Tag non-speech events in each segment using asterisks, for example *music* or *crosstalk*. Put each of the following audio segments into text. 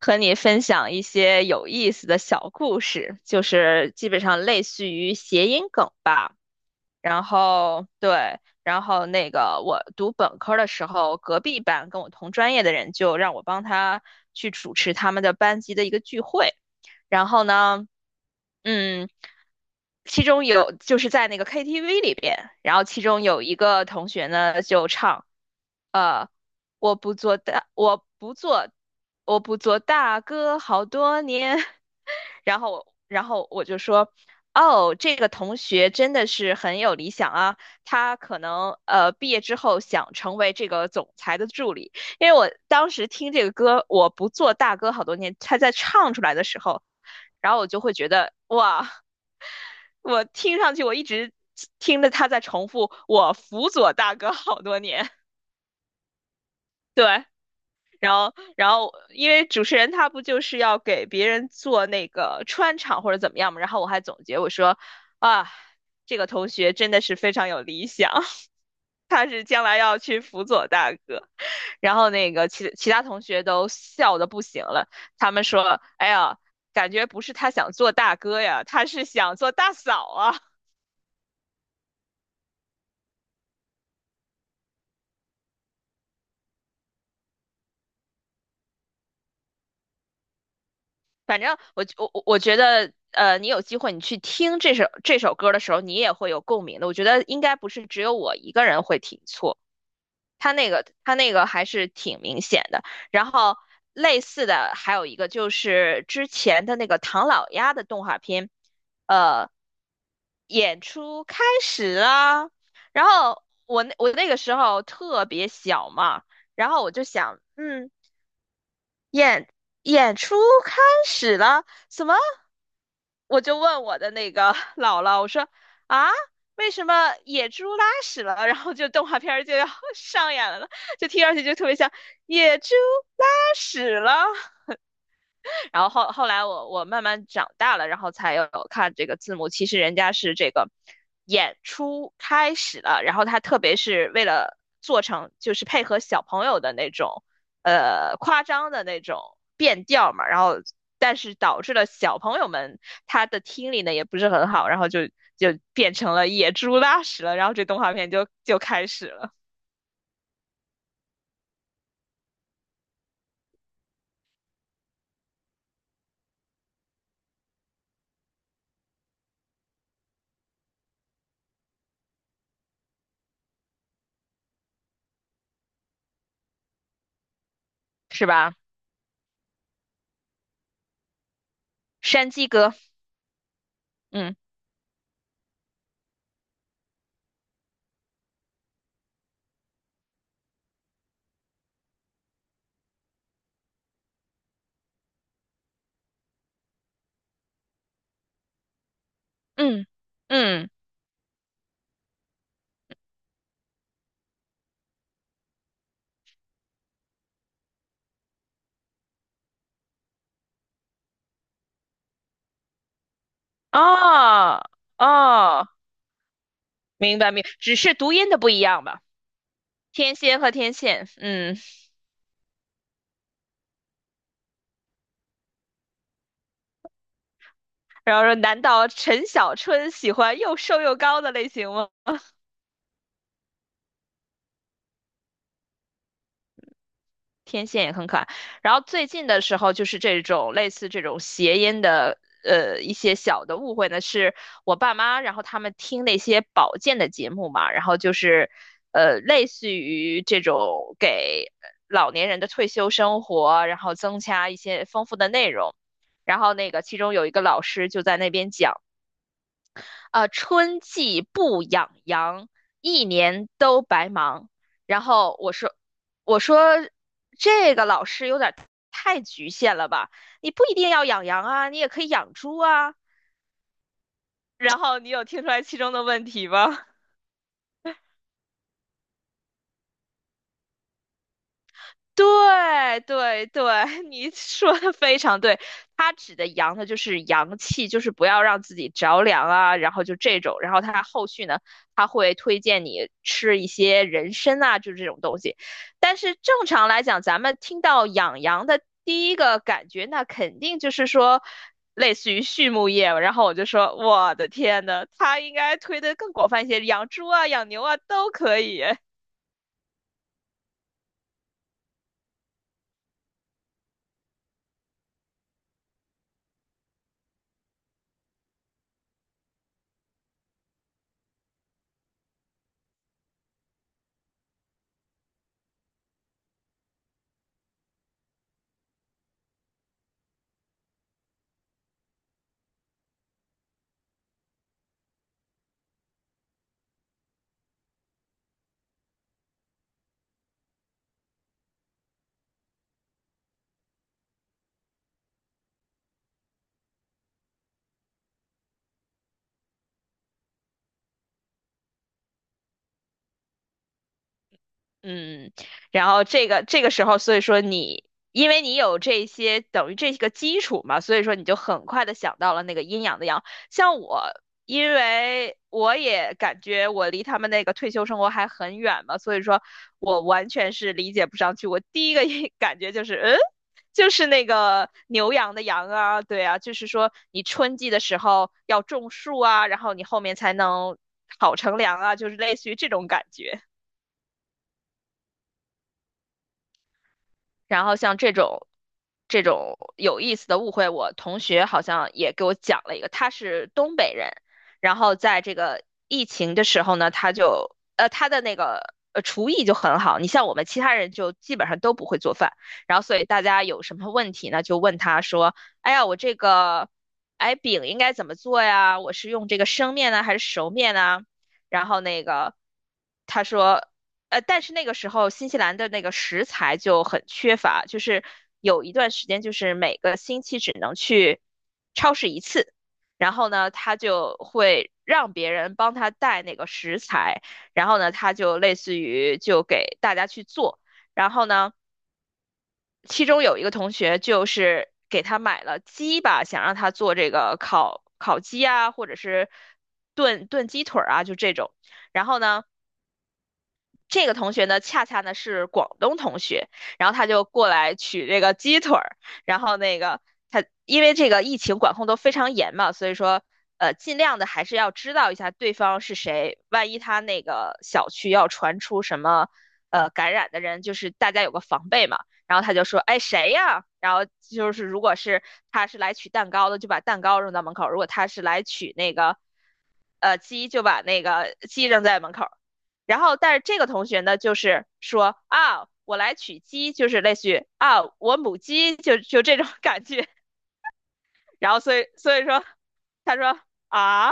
和你分享一些有意思的小故事，就是基本上类似于谐音梗吧。然后对，然后那个我读本科的时候，隔壁班跟我同专业的人就让我帮他去主持他们的班级的一个聚会。然后呢，嗯，其中有就是在那个 KTV 里边，然后其中有一个同学呢就唱。呃。我不做大，我不做，我不做大哥好多年。*laughs* 然后我就说，哦，这个同学真的是很有理想啊，他可能毕业之后想成为这个总裁的助理。因为我当时听这个歌，我不做大哥好多年，他在唱出来的时候，然后我就会觉得，哇，我听上去我一直听着他在重复，我辅佐大哥好多年。然后因为主持人他不就是要给别人做那个穿场或者怎么样嘛，然后我还总结我说，啊，这个同学真的是非常有理想，*laughs* 他是将来要去辅佐大哥。然后那个其他同学都笑的不行了，他们说，哎呀，感觉不是他想做大哥呀，他是想做大嫂啊。反正我觉得，你有机会你去听这首歌的时候，你也会有共鸣的。我觉得应该不是只有我一个人会听错，他那个还是挺明显的。然后类似的还有一个就是之前的那个唐老鸭的动画片，呃，演出开始啦。然后我那个时候特别小嘛，然后我就想，嗯，演演出开始了，什么？我就问我的那个 *laughs* 姥姥，我说啊，为什么野猪拉屎了，*laughs* 然后就动画片儿就要 *laughs* 上演了呢？就听上去就特别像野猪拉屎了。然后后来我慢慢长大了，然后才有看这个字幕。其实人家是这个演出开始了，然后他特别是为了做成就是配合小朋友的那种夸张的那种变调嘛，然后但是导致了小朋友们他的听力呢也不是很好，然后就变成了野猪拉屎了，然后这动画片就开始了，是吧？山鸡哥，嗯嗯嗯，哦哦。明白明白，只是读音的不一样吧。天仙和天线，嗯，然后说，难道陈小春喜欢又瘦又高的类型吗？天线也很可爱。然后最近的时候，就是这种类似这种谐音的，一些小的误会呢，是我爸妈，然后他们听那些保健的节目嘛，然后就是，类似于这种给老年人的退休生活，然后增加一些丰富的内容。然后那个其中有一个老师就在那边讲啊，春季不养羊，一年都白忙。然后我说，我说这个老师有点太局限了吧？你不一定要养羊啊，你也可以养猪啊。然后你有听出来其中的问题吗？对对对，*laughs* 你说的非常对。它指的阳呢，就是阳气，就是不要让自己着凉啊，然后就这种。然后它后续呢，它会推荐你吃一些人参啊，就是这种东西。但是正常来讲，咱们听到养羊的第一个感觉，那肯定就是说类似于畜牧业。然后我就说，我的天呐，它应该推的更广泛一些，养猪啊、养牛啊都可以。嗯，然后这个时候，所以说你因为你有这些等于这个基础嘛，所以说你就很快的想到了那个阴阳的阳。像我，因为我也感觉我离他们那个退休生活还很远嘛，所以说我完全是理解不上去。我第一个 *laughs* 感觉就是，嗯，就是那个牛羊的羊啊，对啊，就是说你春季的时候要种树啊，然后你后面才能好乘凉啊，就是类似于这种感觉。然后像这种有意思的误会，我同学好像也给我讲了一个，他是东北人，然后在这个疫情的时候呢，他就他的那个厨艺就很好，你像我们其他人就基本上都不会做饭，然后所以大家有什么问题呢，就问他说，哎呀，我这个。哎，饼应该怎么做呀？我是用这个生面呢，还是熟面呢？然后那个他说，但是那个时候新西兰的那个食材就很缺乏，就是有一段时间就是每个星期只能去超市一次，然后呢，他就会让别人帮他带那个食材，然后呢，他就类似于就给大家去做，然后呢，其中有一个同学就是给他买了鸡吧，想让他做这个烤鸡啊，或者是炖鸡腿儿啊，就这种。然后呢，这个同学呢，恰恰呢是广东同学，然后他就过来取这个鸡腿儿，然后那个他因为这个疫情管控都非常严嘛，所以说尽量的还是要知道一下对方是谁，万一他那个小区要传出什么感染的人，就是大家有个防备嘛。然后他就说，哎谁呀？然后就是如果是他是来取蛋糕的，就把蛋糕扔到门口；如果他是来取那个。呃，鸡就把那个鸡扔在门口，然后，但是这个同学呢，就是说啊，我来取鸡，就是类似于啊，我母鸡，就这种感觉。然后所以说，他说啊，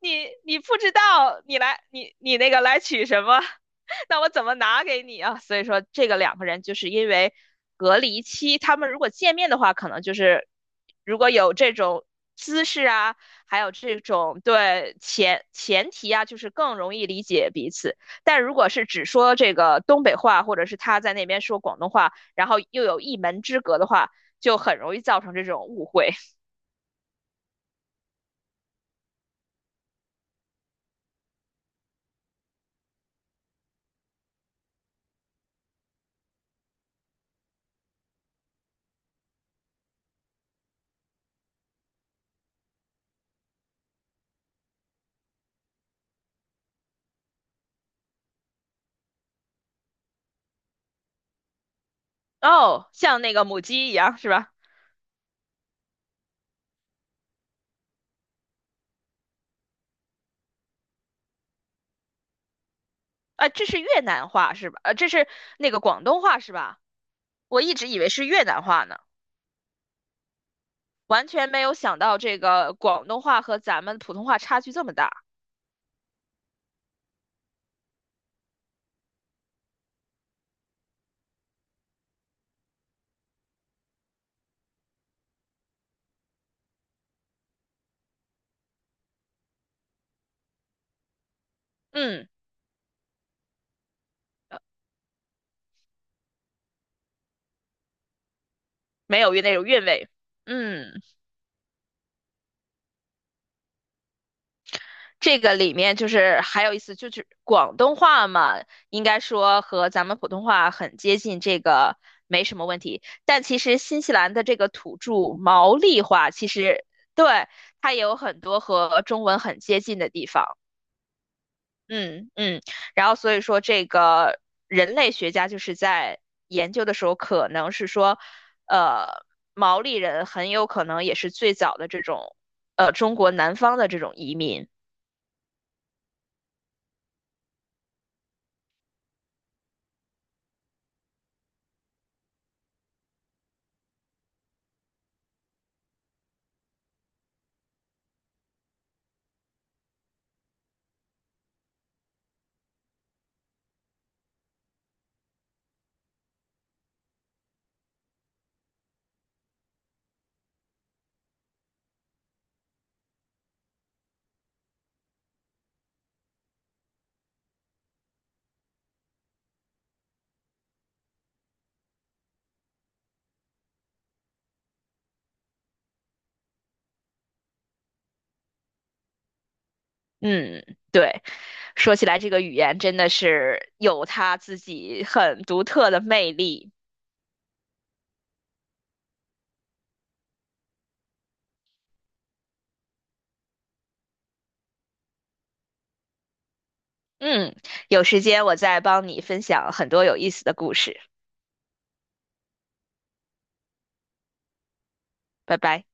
你不知道，你那个来取什么？*laughs* 那我怎么拿给你啊？所以说，这个两个人就是因为隔离期，他们如果见面的话，可能就是如果有这种姿势啊，还有这种对前提啊，就是更容易理解彼此。但如果是只说这个东北话，或者是他在那边说广东话，然后又有一门之隔的话，就很容易造成这种误会。哦，像那个母鸡一样是吧？啊，这是越南话是吧？这是那个广东话是吧？我一直以为是越南话呢，完全没有想到这个广东话和咱们普通话差距这么大。嗯，没有那种韵味。嗯。这个里面就是还有意思，就是广东话嘛，应该说和咱们普通话很接近，这个没什么问题。但其实新西兰的这个土著毛利话，其实对它也有很多和中文很接近的地方。嗯嗯，然后所以说这个人类学家就是在研究的时候，可能是说，呃，毛利人很有可能也是最早的这种，中国南方的这种移民。嗯，对，说起来这个语言真的是有它自己很独特的魅力。嗯，有时间我再帮你分享很多有意思的故事。拜拜。